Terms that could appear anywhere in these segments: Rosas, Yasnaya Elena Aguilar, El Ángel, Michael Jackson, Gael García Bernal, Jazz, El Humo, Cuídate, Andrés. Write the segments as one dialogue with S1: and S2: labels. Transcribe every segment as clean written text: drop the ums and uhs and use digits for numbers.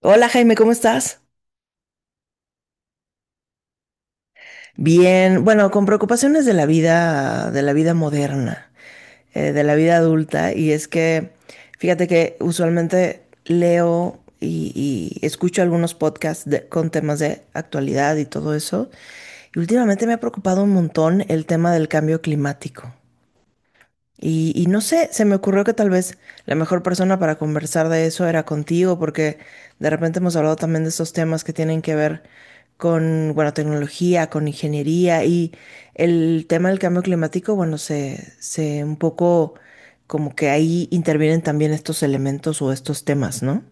S1: Hola Jaime, ¿cómo estás? Bien, bueno, con preocupaciones de la vida moderna, de la vida adulta, y es que, fíjate que usualmente leo y escucho algunos con temas de actualidad y todo eso, y últimamente me ha preocupado un montón el tema del cambio climático. Y no sé, se me ocurrió que tal vez la mejor persona para conversar de eso era contigo, porque de repente hemos hablado también de estos temas que tienen que ver con, bueno, tecnología, con ingeniería y el tema del cambio climático. Bueno, se un poco como que ahí intervienen también estos elementos o estos temas, ¿no?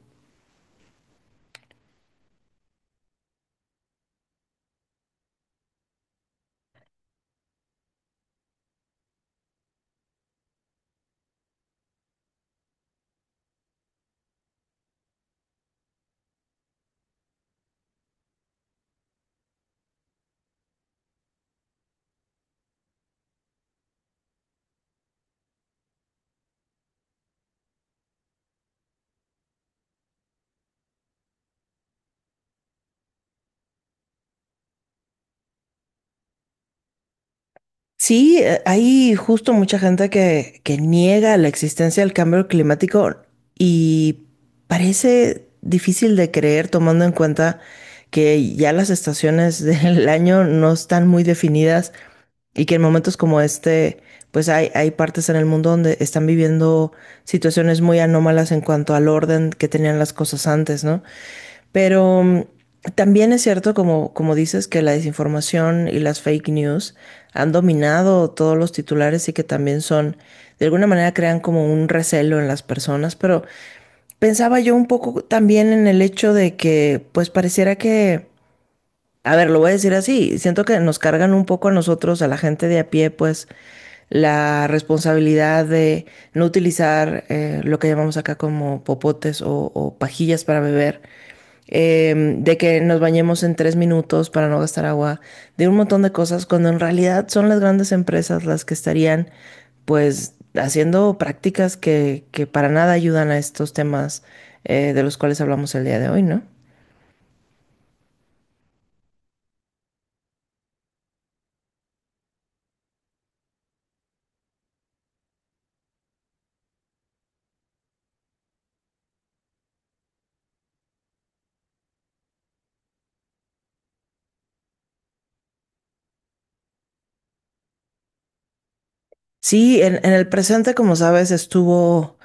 S1: Sí, hay justo mucha gente que niega la existencia del cambio climático y parece difícil de creer tomando en cuenta que ya las estaciones del año no están muy definidas y que en momentos como este, pues hay partes en el mundo donde están viviendo situaciones muy anómalas en cuanto al orden que tenían las cosas antes, ¿no? Pero también es cierto, como dices, que la desinformación y las fake news han dominado todos los titulares y que también son, de alguna manera, crean como un recelo en las personas. Pero pensaba yo un poco también en el hecho de que, pues pareciera que a ver, lo voy a decir así, siento que nos cargan un poco a nosotros, a la gente de a pie, pues la responsabilidad de no utilizar, lo que llamamos acá como popotes o pajillas para beber, de que nos bañemos en tres minutos para no gastar agua, de un montón de cosas, cuando en realidad son las grandes empresas las que estarían pues haciendo prácticas que para nada ayudan a estos temas, de los cuales hablamos el día de hoy, ¿no? Sí, en el presente, como sabes, estuvo,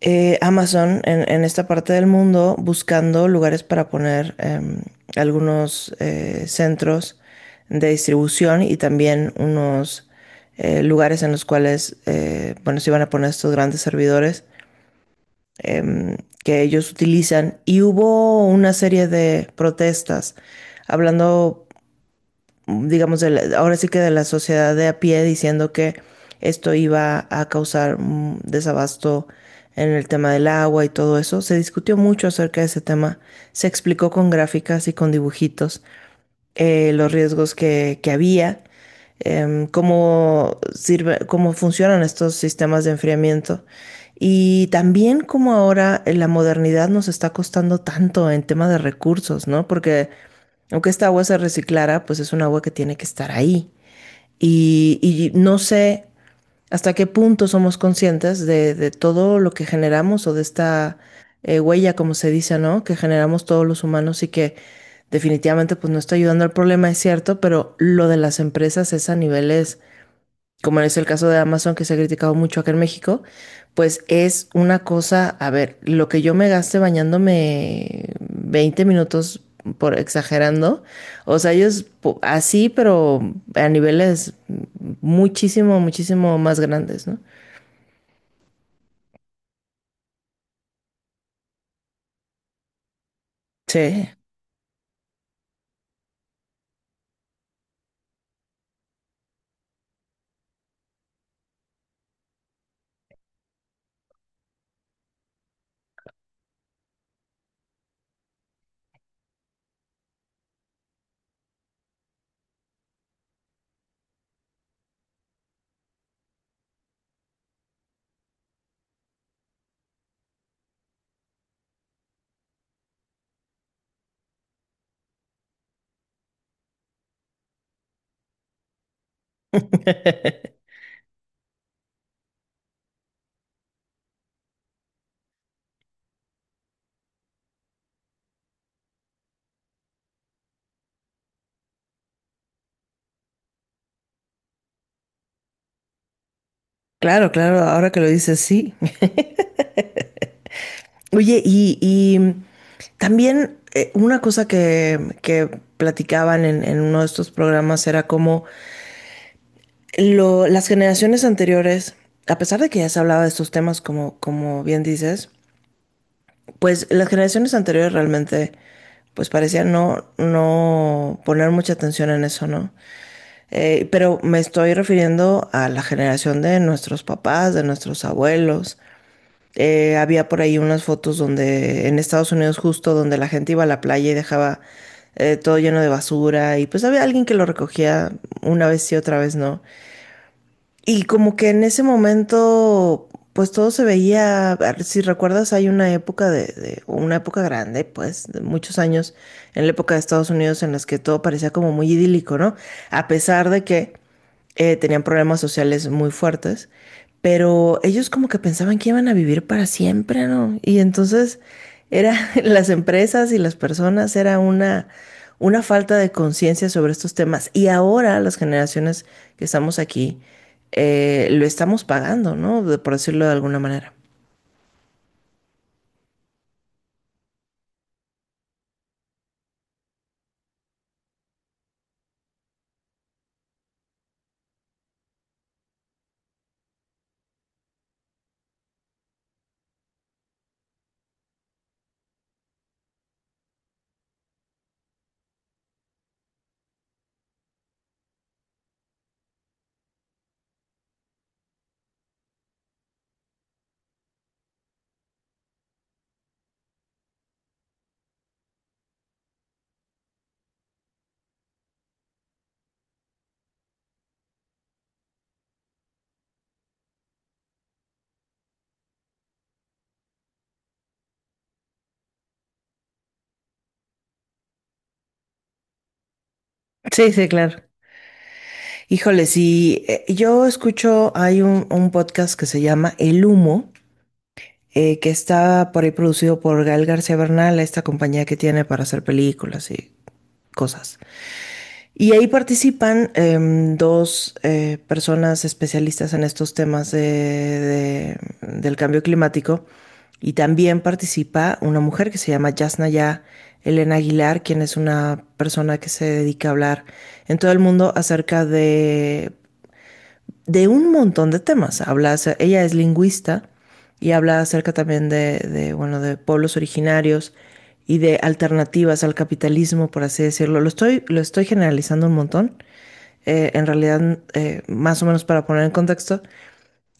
S1: Amazon en esta parte del mundo buscando lugares para poner, algunos centros de distribución y también unos lugares en los cuales, bueno, se iban a poner estos grandes servidores em, que ellos utilizan. Y hubo una serie de protestas hablando, digamos, ahora sí que de la sociedad de a pie diciendo que esto iba a causar un desabasto en el tema del agua y todo eso. Se discutió mucho acerca de ese tema, se explicó con gráficas y con dibujitos los riesgos que había, cómo sirve, cómo funcionan estos sistemas de enfriamiento. Y también como ahora, la modernidad nos está costando tanto en tema de recursos, ¿no? Porque aunque esta agua se reciclara, pues es un agua que tiene que estar ahí. Y no sé hasta qué punto somos conscientes de todo lo que generamos o de esta, huella, como se dice, ¿no? Que generamos todos los humanos y que definitivamente pues no está ayudando al problema, es cierto, pero lo de las empresas es a niveles como es el caso de Amazon que se ha criticado mucho acá en México, pues es una cosa, a ver, lo que yo me gaste bañándome 20 minutos por exagerando, o sea, así, pero a niveles muchísimo, muchísimo más grandes, ¿no? Sí. Claro, claro, ahora que lo dices, sí. Oye, y también, una cosa que platicaban en uno de estos programas era cómo las generaciones anteriores, a pesar de que ya se hablaba de estos temas como, como bien dices, pues las generaciones anteriores realmente, pues parecían no poner mucha atención en eso, ¿no? Pero me estoy refiriendo a la generación de nuestros papás, de nuestros abuelos. Había por ahí unas fotos donde en Estados Unidos justo donde la gente iba a la playa y dejaba, todo lleno de basura y pues había alguien que lo recogía una vez sí, otra vez no. Y como que en ese momento, pues todo se veía, a ver, si recuerdas, hay una época una época grande, pues, de muchos años, en la época de Estados Unidos, en las que todo parecía como muy idílico, ¿no? A pesar de que, tenían problemas sociales muy fuertes, pero ellos como que pensaban que iban a vivir para siempre, ¿no? Y entonces era las empresas y las personas era una falta de conciencia sobre estos temas y ahora las generaciones que estamos aquí, lo estamos pagando, ¿no? De... por decirlo de alguna manera. Sí, sí, claro. Híjole, si yo escucho, hay un podcast que se llama El Humo, que está por ahí producido por Gael García Bernal, esta compañía que tiene para hacer películas y cosas. Y ahí participan, dos, personas especialistas en estos temas del cambio climático, y también participa una mujer que se llama Yasnaya Elena Aguilar, quien es una persona que se dedica a hablar en todo el mundo acerca de un montón de temas. Habla, ella es lingüista y habla acerca también de, bueno, de pueblos originarios y de alternativas al capitalismo, por así decirlo. Lo estoy generalizando un montón. En realidad, más o menos para poner en contexto,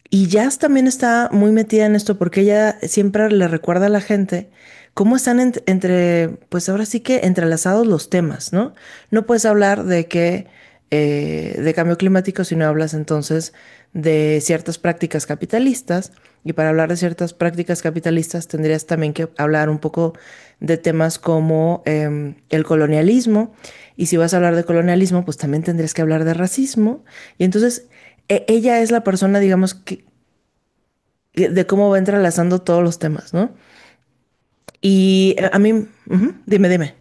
S1: y Jazz también está muy metida en esto porque ella siempre le recuerda a la gente cómo están pues ahora sí que entrelazados los temas, ¿no? No puedes hablar de que, de cambio climático si no hablas entonces de ciertas prácticas capitalistas. Y para hablar de ciertas prácticas capitalistas tendrías también que hablar un poco de temas como, el colonialismo. Y si vas a hablar de colonialismo, pues también tendrías que hablar de racismo. Y entonces ella es la persona, digamos, de cómo va entrelazando todos los temas, ¿no? Y a mí, ujú, dime, dime.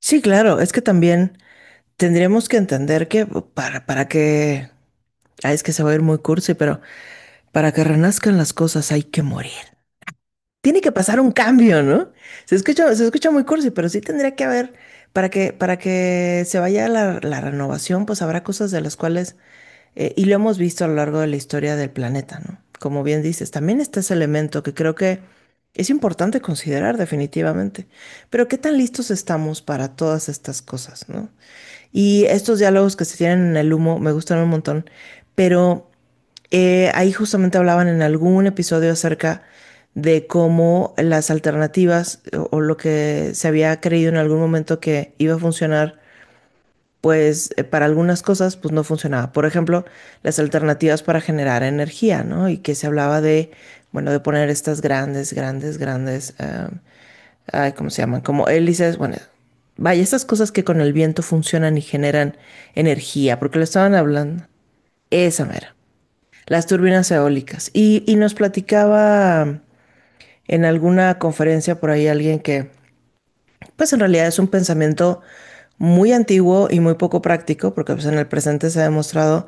S1: Sí, claro, es que también tendríamos que entender que oh, para que, ah, es que se va a ir muy cursi, pero para que renazcan las cosas hay que morir. Tiene que pasar un cambio, ¿no? Se escucha muy cursi, pero sí tendría que haber, para que se vaya la, la renovación, pues habrá cosas de las cuales... y lo hemos visto a lo largo de la historia del planeta, ¿no? Como bien dices, también está ese elemento que creo que es importante considerar definitivamente. Pero ¿qué tan listos estamos para todas estas cosas, ¿no? Y estos diálogos que se tienen en El Humo me gustan un montón, pero, ahí justamente hablaban en algún episodio acerca de cómo las alternativas o lo que se había creído en algún momento que iba a funcionar pues, para algunas cosas pues no funcionaba. Por ejemplo, las alternativas para generar energía, ¿no? Y que se hablaba de, bueno, de poner estas grandes, ay, ¿cómo se llaman? Como hélices, bueno, vaya, estas cosas que con el viento funcionan y generan energía, porque lo estaban hablando. Esa mera. Las turbinas eólicas. Y nos platicaba en alguna conferencia por ahí alguien que pues en realidad es un pensamiento muy antiguo y muy poco práctico, porque pues en el presente se ha demostrado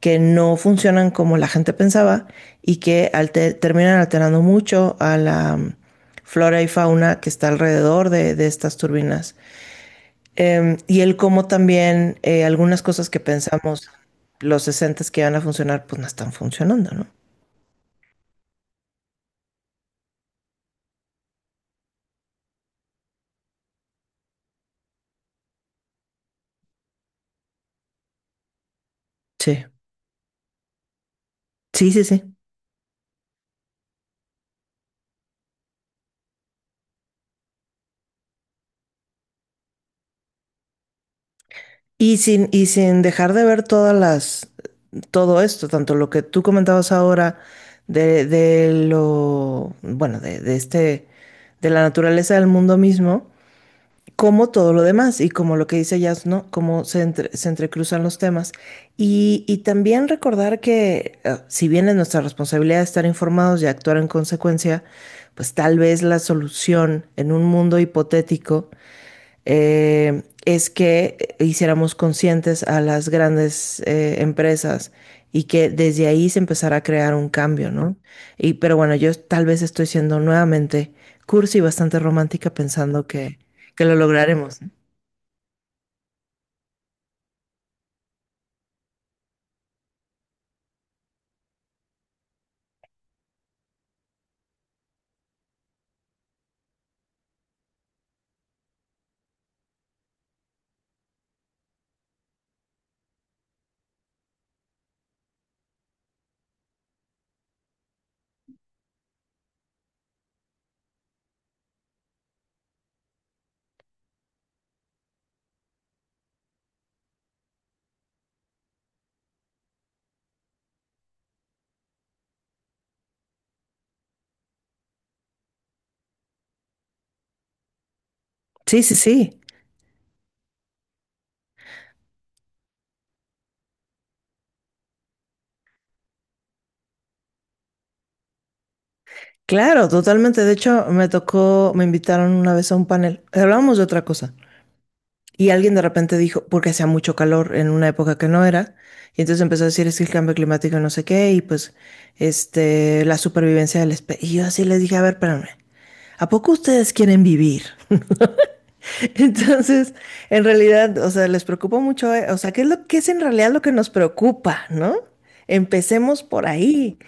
S1: que no funcionan como la gente pensaba y que terminan alterando mucho a la, flora y fauna que está alrededor de estas turbinas. Y el cómo también, algunas cosas que pensamos los 60 que iban a funcionar, pues no están funcionando, ¿no? Sí, sí, sí, sí. Y sin dejar de ver todas las, todo esto, tanto lo que tú comentabas ahora de lo, bueno, de este, de la naturaleza del mundo mismo, como todo lo demás y como lo que dice Jazz, ¿no? Cómo se, se entrecruzan los temas. Y también recordar que, si bien es nuestra responsabilidad estar informados y actuar en consecuencia, pues tal vez la solución en un mundo hipotético, es que hiciéramos conscientes a las grandes, empresas y que desde ahí se empezara a crear un cambio, ¿no? Y, pero bueno, yo tal vez estoy siendo nuevamente cursi y bastante romántica pensando que lo lograremos, ¿no? Sí, sí, sí. Claro, totalmente. De hecho, me tocó, me invitaron una vez a un panel. Hablábamos de otra cosa, y alguien de repente dijo, porque hacía mucho calor en una época que no era, y entonces empezó a decir, es que el cambio climático no sé qué, y pues, este, la supervivencia del especie. Y yo así les dije, a ver, espérame, ¿a poco ustedes quieren vivir? Entonces, en realidad, o sea, les preocupa mucho, o sea, ¿qué es lo que es en realidad lo que nos preocupa, ¿no? Empecemos por ahí.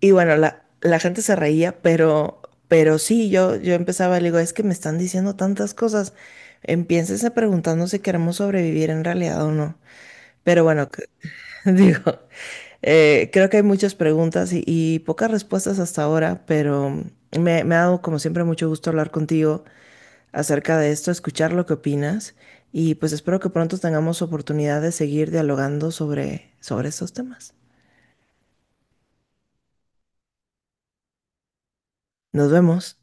S1: Y bueno, la gente se reía, pero sí, yo empezaba, le digo, es que me están diciendo tantas cosas. Empiénsense preguntando si queremos sobrevivir en realidad o no. Pero bueno, digo, creo que hay muchas preguntas y pocas respuestas hasta ahora, pero me ha dado como siempre mucho gusto hablar contigo acerca de esto, escuchar lo que opinas y pues espero que pronto tengamos oportunidad de seguir dialogando sobre, sobre estos temas. Nos vemos.